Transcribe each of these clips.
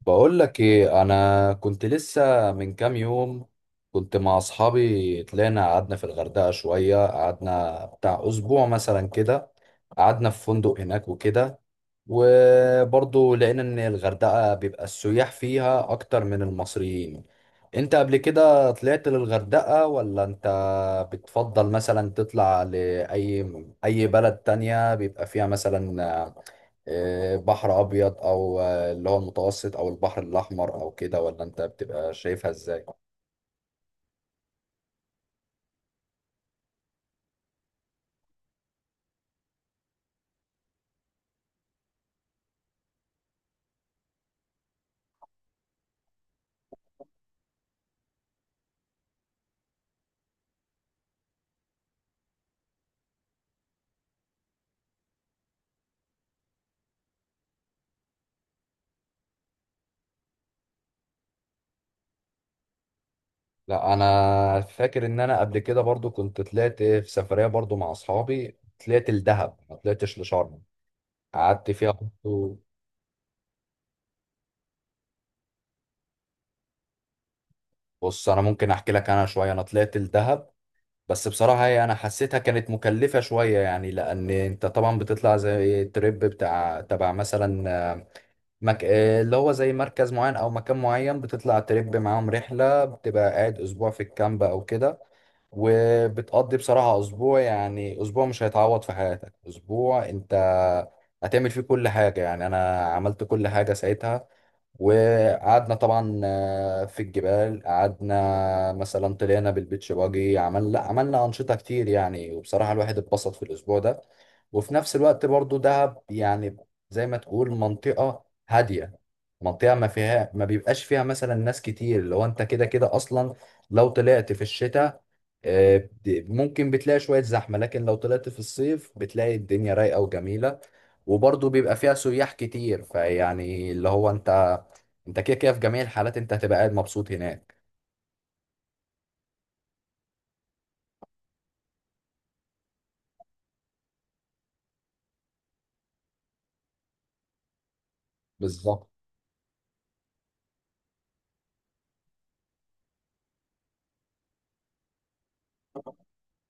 بقول لك ايه، انا كنت لسه من كام يوم كنت مع اصحابي. طلعنا قعدنا في الغردقة شوية، قعدنا بتاع اسبوع مثلا كده. قعدنا في فندق هناك وكده. وبرضه لقينا ان الغردقة بيبقى السياح فيها اكتر من المصريين. انت قبل كده طلعت للغردقة ولا انت بتفضل مثلا تطلع لأي اي بلد تانية بيبقى فيها مثلا بحر ابيض او اللي هو المتوسط، او البحر الاحمر او كده، ولا انت بتبقى شايفها ازاي؟ لا، انا فاكر ان انا قبل كده برضو كنت طلعت في سفرية برضو مع اصحابي. طلعت الدهب ما طلعتش لشرم، قعدت فيها برضو. بص، انا ممكن احكي لك انا شويه. انا طلعت الدهب بس بصراحه هي انا حسيتها كانت مكلفه شويه، يعني لان انت طبعا بتطلع زي تريب بتاع تبع مثلا آه، مك... آه، اللي هو زي مركز معين او مكان معين، بتطلع تريب معاهم رحله، بتبقى قاعد اسبوع في الكامب او كده. وبتقضي بصراحه اسبوع، يعني اسبوع مش هيتعوض في حياتك. اسبوع انت هتعمل فيه كل حاجه، يعني انا عملت كل حاجه ساعتها. وقعدنا طبعا في الجبال، قعدنا مثلا طلعنا بالبيتش باجي، عملنا أنشطة كتير يعني. وبصراحة الواحد اتبسط في الأسبوع ده. وفي نفس الوقت برضو دهب، يعني زي ما تقول منطقة هادية، منطقة ما فيها ما بيبقاش فيها مثلا ناس كتير. لو انت كده كده أصلا لو طلعت في الشتاء، ممكن بتلاقي شوية زحمة. لكن لو طلعت في الصيف بتلاقي الدنيا رايقة وجميلة، وبرضه بيبقى فيها سياح كتير. فيعني اللي هو انت، انت كده كده في جميع الحالات انت هتبقى قاعد مبسوط هناك. بالظبط.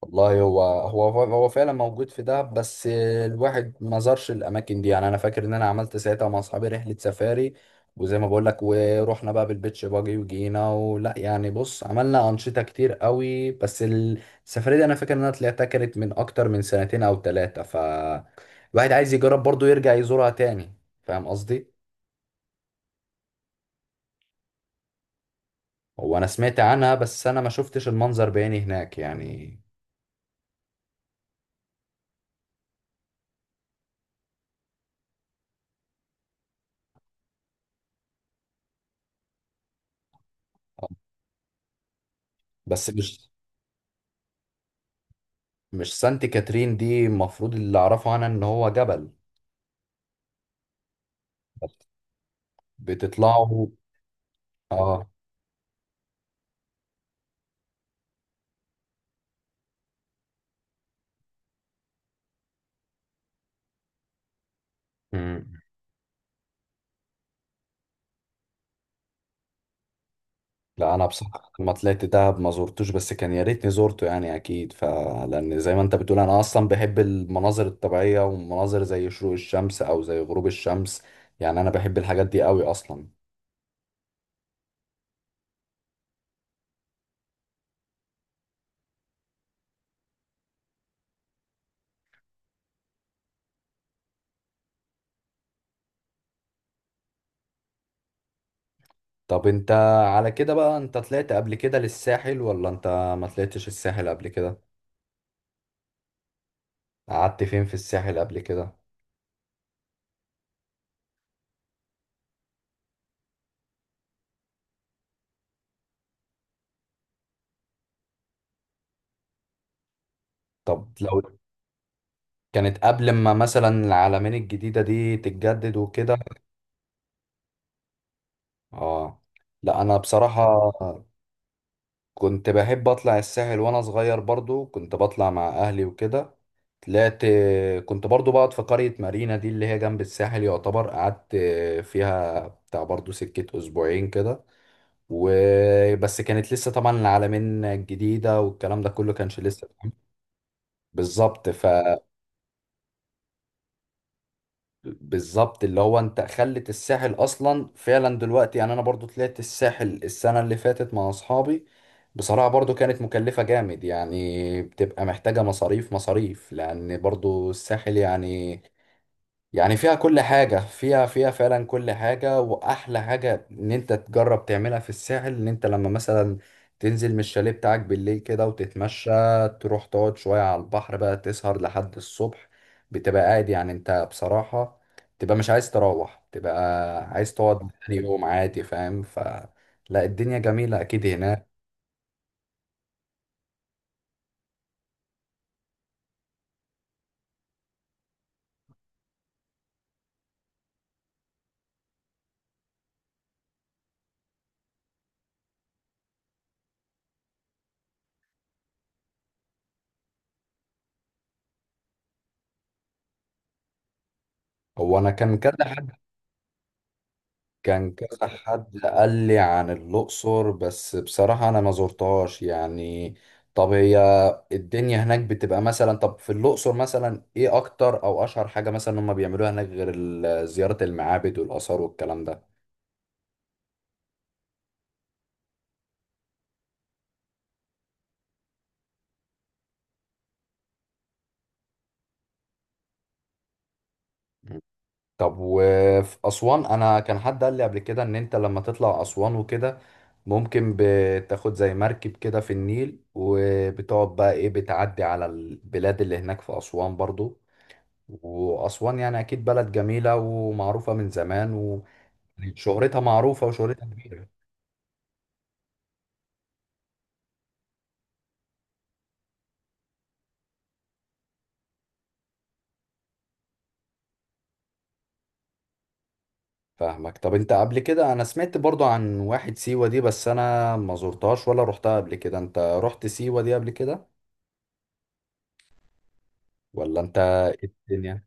والله هو هو فعلا موجود في دهب، بس الواحد ما زارش الاماكن دي. يعني انا فاكر ان انا عملت ساعتها مع اصحابي رحله سفاري، وزي ما بقول لك ورحنا بقى بالبيتش باجي وجينا ولا يعني. بص، عملنا انشطه كتير قوي، بس السفاري دي انا فاكر ان انا طلعتها كانت من اكتر من سنتين او ثلاثه، ف الواحد عايز يجرب برضه يرجع يزورها تاني. فاهم قصدي؟ هو انا سمعت عنها، بس انا ما شفتش المنظر بعيني هناك يعني. بس مش سانت كاترين دي المفروض اللي اعرفه عنها ان هو جبل؟ بت- بتطلعوا؟ اه. مم. لا، انا بصراحه لما طلعت دهب ما زرتوش، بس كان يا ريتني زورته، يعني اكيد فلان زي ما انت بتقول انا اصلا بحب المناظر الطبيعيه، ومناظر زي شروق الشمس او زي غروب الشمس. يعني انا بحب الحاجات دي قوي اصلا. طب انت على كده بقى، انت طلعت قبل كده للساحل ولا انت ما طلعتش الساحل قبل كده؟ قعدت فين في الساحل قبل كده؟ طب لو كانت قبل ما مثلا العلمين الجديدة دي تتجدد وكده. اه. لا، انا بصراحة كنت بحب اطلع الساحل وانا صغير، برضو كنت بطلع مع اهلي وكده. طلعت، كنت برضو بقعد في قرية مارينا دي اللي هي جنب الساحل يعتبر. قعدت فيها بتاع برضو سكة اسبوعين كده. وبس كانت لسه طبعا العلمين الجديدة والكلام ده كله كانش لسه. بالظبط ف بالظبط، اللي هو انت خلت الساحل اصلا فعلا دلوقتي. يعني انا برضو طلعت الساحل السنة اللي فاتت مع اصحابي، بصراحة برضو كانت مكلفة جامد. يعني بتبقى محتاجة مصاريف مصاريف، لان برضو الساحل يعني، يعني فيها كل حاجة، فيها فعلا كل حاجة. وأحلى حاجة إن أنت تجرب تعملها في الساحل إن أنت لما مثلا تنزل من الشاليه بتاعك بالليل كده وتتمشى، تروح تقعد شوية على البحر بقى، تسهر لحد الصبح. بتبقى قاعد، يعني أنت بصراحة تبقى مش عايز تروح، تبقى عايز تقعد تاني يوم عادي. فاهم؟ فلا، الدنيا جميلة أكيد هناك. هو أنا كان كذا كان كذا حد قال لي عن الأقصر، بس بصراحة أنا ما زرتهاش يعني. طب هي الدنيا هناك بتبقى مثلا، طب في الأقصر مثلا إيه أكتر أو أشهر حاجة مثلا هم بيعملوها هناك غير زيارة المعابد والآثار والكلام ده؟ مم. طب وفي أسوان، أنا كان حد قال لي قبل كده إن أنت لما تطلع أسوان وكده ممكن بتاخد زي مركب كده في النيل وبتقعد بقى إيه، بتعدي على البلاد اللي هناك في أسوان برضو. وأسوان يعني أكيد بلد جميلة ومعروفة من زمان، وشهرتها معروفة وشهرتها كبيرة. فاهمك. طب أنت قبل كده، أنا سمعت برضو عن واحد سيوة دي، بس أنا ما زرتهاش ولا رحتها قبل كده. أنت رحت سيوة دي قبل كده ولا أنت؟ إيه الدنيا؟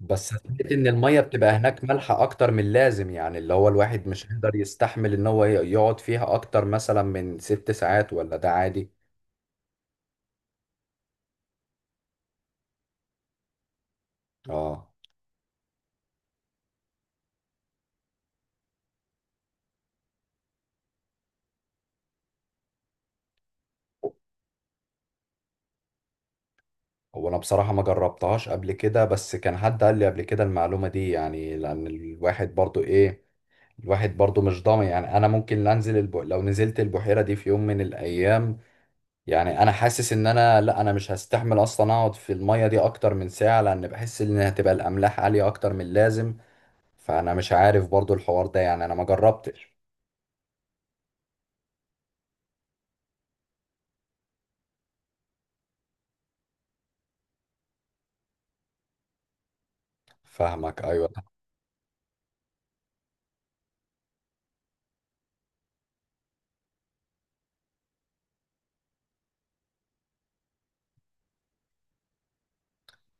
بس سمعت إن المية بتبقى هناك مالحة أكتر من اللازم، يعني اللي هو الواحد مش هيقدر يستحمل إن هو يقعد فيها أكتر مثلا من 6 ساعات ولا ده عادي؟ آه. هو انا بصراحة ما جربتهاش قبل كده، بس كان حد قال لي قبل كده المعلومة دي يعني، لان الواحد برضو ايه، الواحد برضو مش ضامن. يعني انا ممكن لا، انزل لو نزلت البحيرة دي في يوم من الايام، يعني انا حاسس ان انا لا، انا مش هستحمل اصلا اقعد في المية دي اكتر من ساعة، لان بحس ان هتبقى الاملاح عالية اكتر من اللازم. فانا مش عارف برضو الحوار ده، يعني انا ما جربتش. فاهمك. ايوه.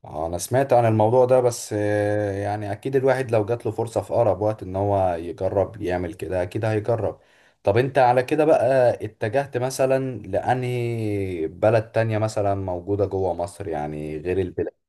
انا سمعت عن الموضوع ده، بس يعني اكيد الواحد لو جات له فرصة في اقرب وقت ان هو يجرب يعمل كده اكيد هيجرب. طب انت على كده بقى اتجهت مثلا لانهي بلد تانية مثلا موجودة جوه مصر، يعني غير البلاد؟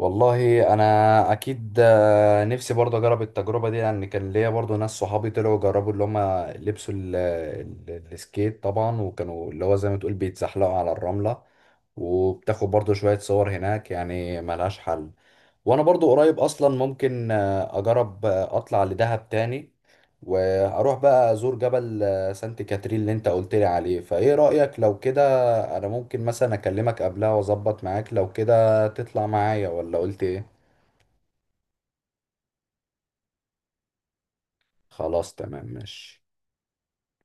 والله انا اكيد، نفسي برضه اجرب التجربه دي، لان كان ليا برضه ناس صحابي طلعوا جربوا اللي هم لبسوا السكيت طبعا، وكانوا اللي هو زي ما تقول بيتزحلقوا على الرمله. وبتاخد برضه شويه صور هناك، يعني ملهاش حل. وانا برضه قريب اصلا ممكن اجرب اطلع لدهب تاني، واروح بقى ازور جبل سانت كاترين اللي انت قلت لي عليه. فايه رايك لو كده؟ انا ممكن مثلا اكلمك قبلها واظبط معاك لو كده. هتطلع معايا ولا قلت ايه؟ خلاص تمام، ماشي.